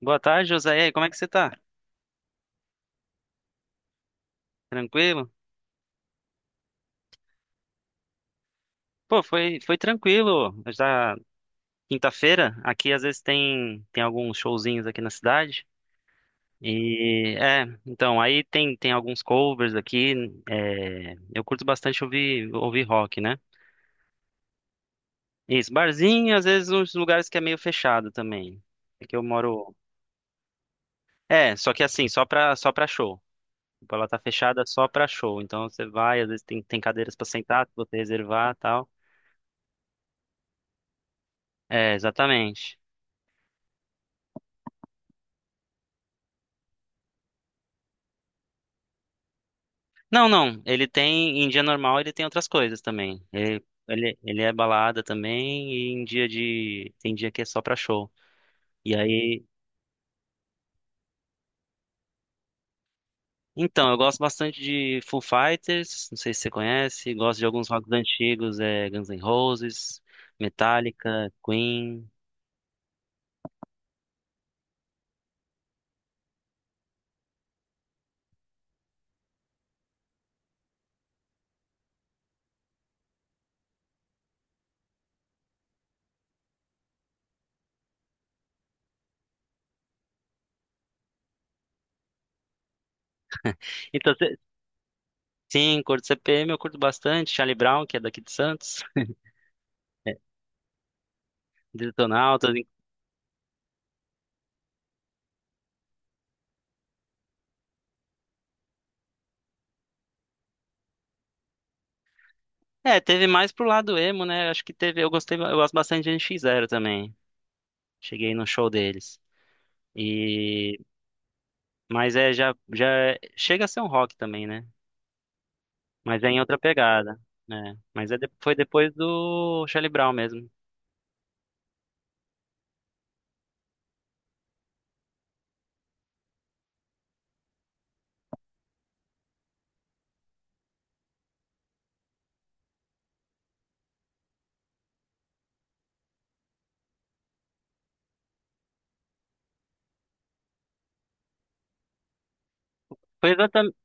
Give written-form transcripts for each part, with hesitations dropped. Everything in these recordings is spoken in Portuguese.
Boa tarde, José. E aí, como é que você tá? Tranquilo? Pô, foi tranquilo. Já quinta-feira, aqui às vezes tem alguns showzinhos aqui na cidade. E é, então, aí tem alguns covers aqui. É, eu curto bastante ouvir rock, né? Isso, barzinho, às vezes uns lugares que é meio fechado também. É que eu moro. É, só que assim, só pra show. Tipo, ela tá fechada só pra show. Então você vai, às vezes tem cadeiras pra sentar, se você reservar e tal. É, exatamente. Não, não. Ele tem, em dia normal, ele tem outras coisas também. Ele é balada também e em dia de, tem dia que é só pra show. E aí, então, eu gosto bastante de Foo Fighters, não sei se você conhece, gosto de alguns rocks antigos, é Guns N' Roses, Metallica, Queen. Então, sim, curto CPM, eu curto bastante, Charlie Brown, que é daqui de Santos, é, Detonautas. É, teve mais pro lado emo, né? Acho que teve, eu gostei, eu gosto bastante de N X Zero também. Cheguei no show deles. E mas é já já chega a ser um rock também, né? Mas é em outra pegada, né? Mas é foi depois do Charlie Brown mesmo. Foi exatamente,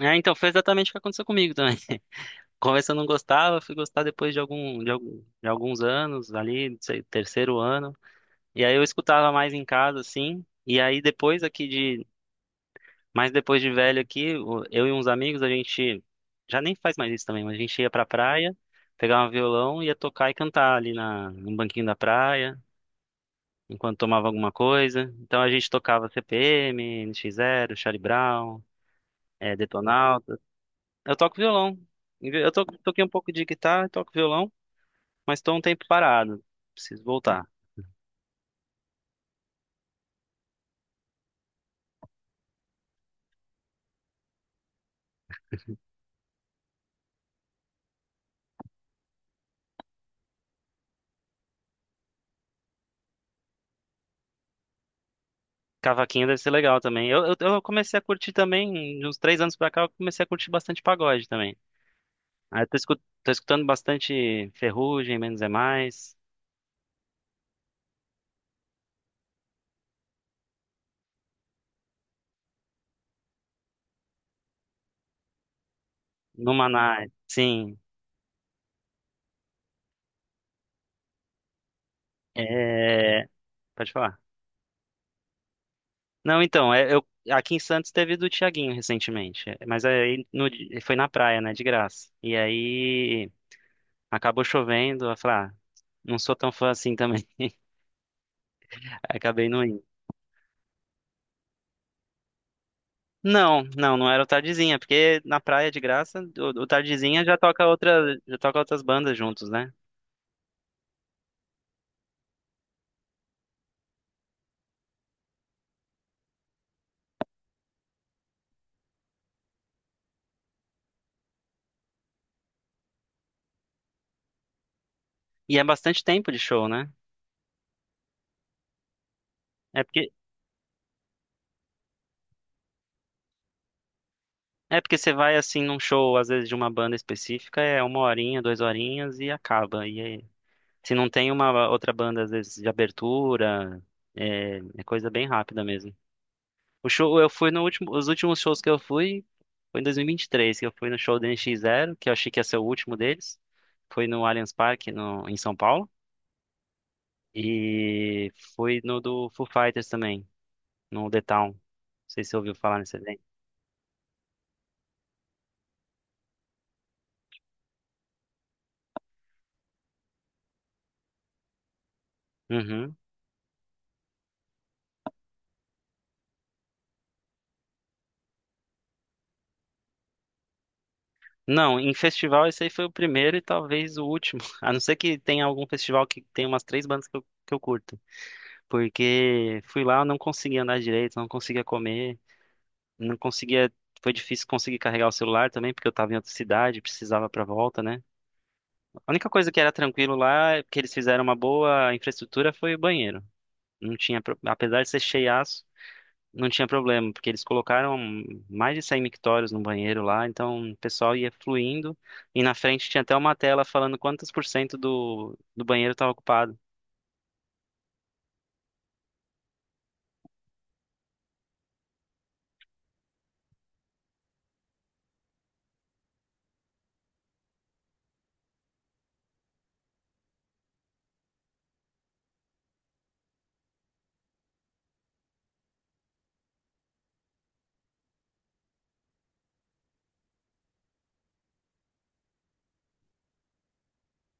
então foi exatamente o que aconteceu comigo também. Começo eu não gostava, fui gostar depois de algum de, de alguns anos ali, não sei, terceiro ano. E aí eu escutava mais em casa assim. E aí depois aqui Mas depois de velho aqui, eu e uns amigos, a gente já nem faz mais isso também, mas a gente ia pra praia, pegava um violão, ia tocar e cantar ali no banquinho da praia, enquanto tomava alguma coisa. Então a gente tocava CPM, NX0, Charlie Brown, Detonautas. Eu toco violão. Eu toquei um pouco de guitarra, toco violão, mas tô um tempo parado. Preciso voltar. Cavaquinho deve ser legal também. Eu comecei a curtir também, de uns 3 anos pra cá, eu comecei a curtir bastante pagode também. Ah, eu tô escutando bastante Ferrugem, Menos é Mais, no Maná. Sim. É, pode falar. Não, então, aqui em Santos teve do Thiaguinho recentemente, é, mas aí no di- foi na praia, né, de graça. E aí acabou chovendo, eu falei, ah, não sou tão fã assim também. Aí acabei não indo. Não, não, não era o Tardezinha, porque na praia de graça, o Tardezinha já toca outra, já toca outras bandas juntos, né? E é bastante tempo de show, né? É porque É porque você vai assim num show, às vezes de uma banda específica, é uma horinha, 2 horinhas e acaba. E aí, se não tem uma outra banda, às vezes de abertura, é coisa bem rápida mesmo. O show, eu fui no último, os últimos shows que eu fui foi em dois mil e vinte e três que eu fui no show do NX Zero, que eu achei que ia ser o último deles. Foi no Allianz Parque, no, em São Paulo. E fui no do Foo Fighters também, no The Town. Não sei se você ouviu falar nesse evento. Uhum. Não, em festival esse aí foi o primeiro e talvez o último. A não ser que tenha algum festival que tenha umas três bandas que eu curto. Porque fui lá, eu não conseguia andar direito, não conseguia comer, não conseguia. Foi difícil conseguir carregar o celular também, porque eu tava em outra cidade, precisava pra volta, né? A única coisa que era tranquilo lá, que eles fizeram uma boa infraestrutura, foi o banheiro. Não tinha, apesar de ser cheiaço, não tinha problema, porque eles colocaram mais de 100 mictórios no banheiro lá, então o pessoal ia fluindo e na frente tinha até uma tela falando quantos por cento do banheiro estava ocupado.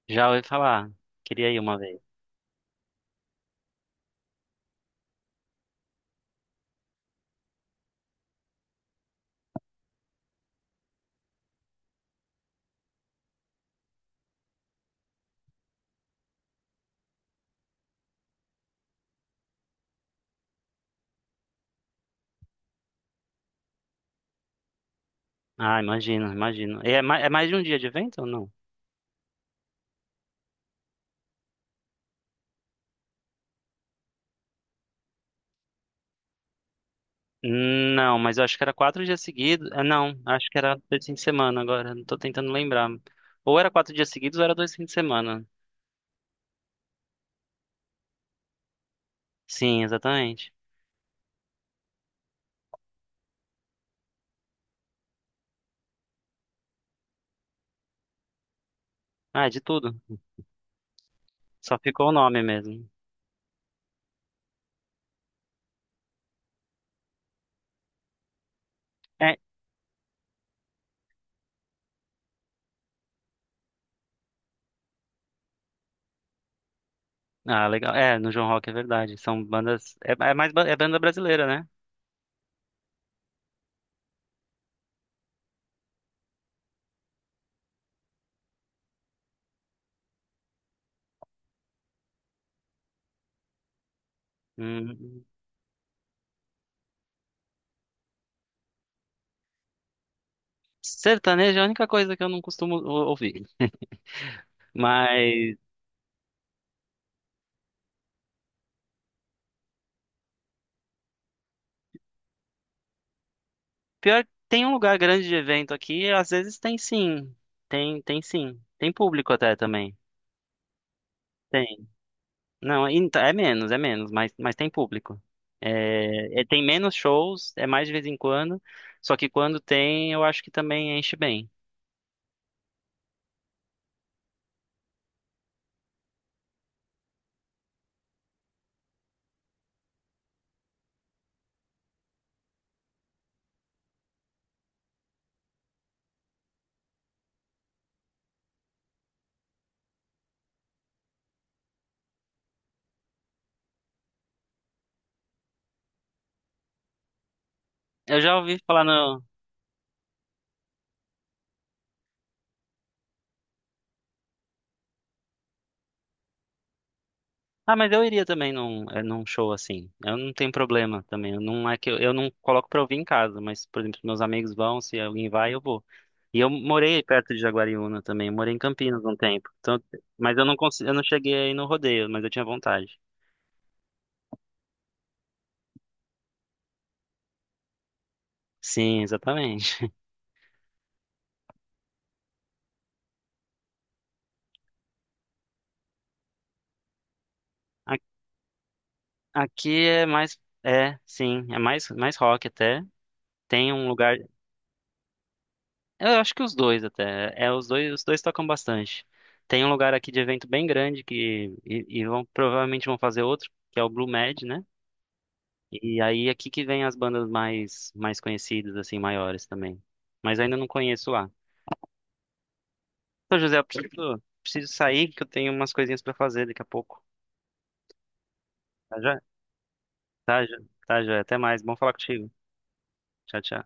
Já ouvi falar, queria ir uma vez. Ah, imagino, imagino. E é mais de um dia de evento ou não? Não, mas eu acho que era 4 dias seguidos. Ah, não, acho que era 2 fins de semana agora, não tô tentando lembrar. Ou era 4 dias seguidos ou era 2 fins de semana. Sim, exatamente. Ah, de tudo. Só ficou o nome mesmo. Ah, legal. É, no João Rock é verdade. São bandas. É banda brasileira, né? Hum, sertanejo é a única coisa que eu não costumo ouvir. Mas pior, tem um lugar grande de evento aqui, às vezes tem sim. Tem sim. Tem público até também. Tem. Não, então, é menos, mas tem público. Tem menos shows, é mais de vez em quando. Só que quando tem, eu acho que também enche bem. Eu já ouvi falar no. Ah, mas eu iria também num show assim. Eu não tenho problema também. Eu não é que eu não coloco pra ouvir em casa, mas, por exemplo, meus amigos vão, se alguém vai, eu vou. E eu morei perto de Jaguariúna também. Eu morei em Campinas um tempo. Então, mas eu não consegui, eu não cheguei aí no rodeio, mas eu tinha vontade. Sim, exatamente. A- Aqui é mais, sim, é mais rock até. Tem um lugar, Eu acho que os dois até. É, os dois tocam bastante. Tem um lugar aqui de evento bem grande que e vão provavelmente vão fazer outro, que é o Blue Med, né? E aí é aqui que vem as bandas mais conhecidas assim, maiores também. Mas ainda não conheço lá. Então, José, eu preciso sair que eu tenho umas coisinhas pra fazer daqui a pouco. Tá já? Tá, já, tá já. Até mais. Bom falar contigo. Tchau, tchau.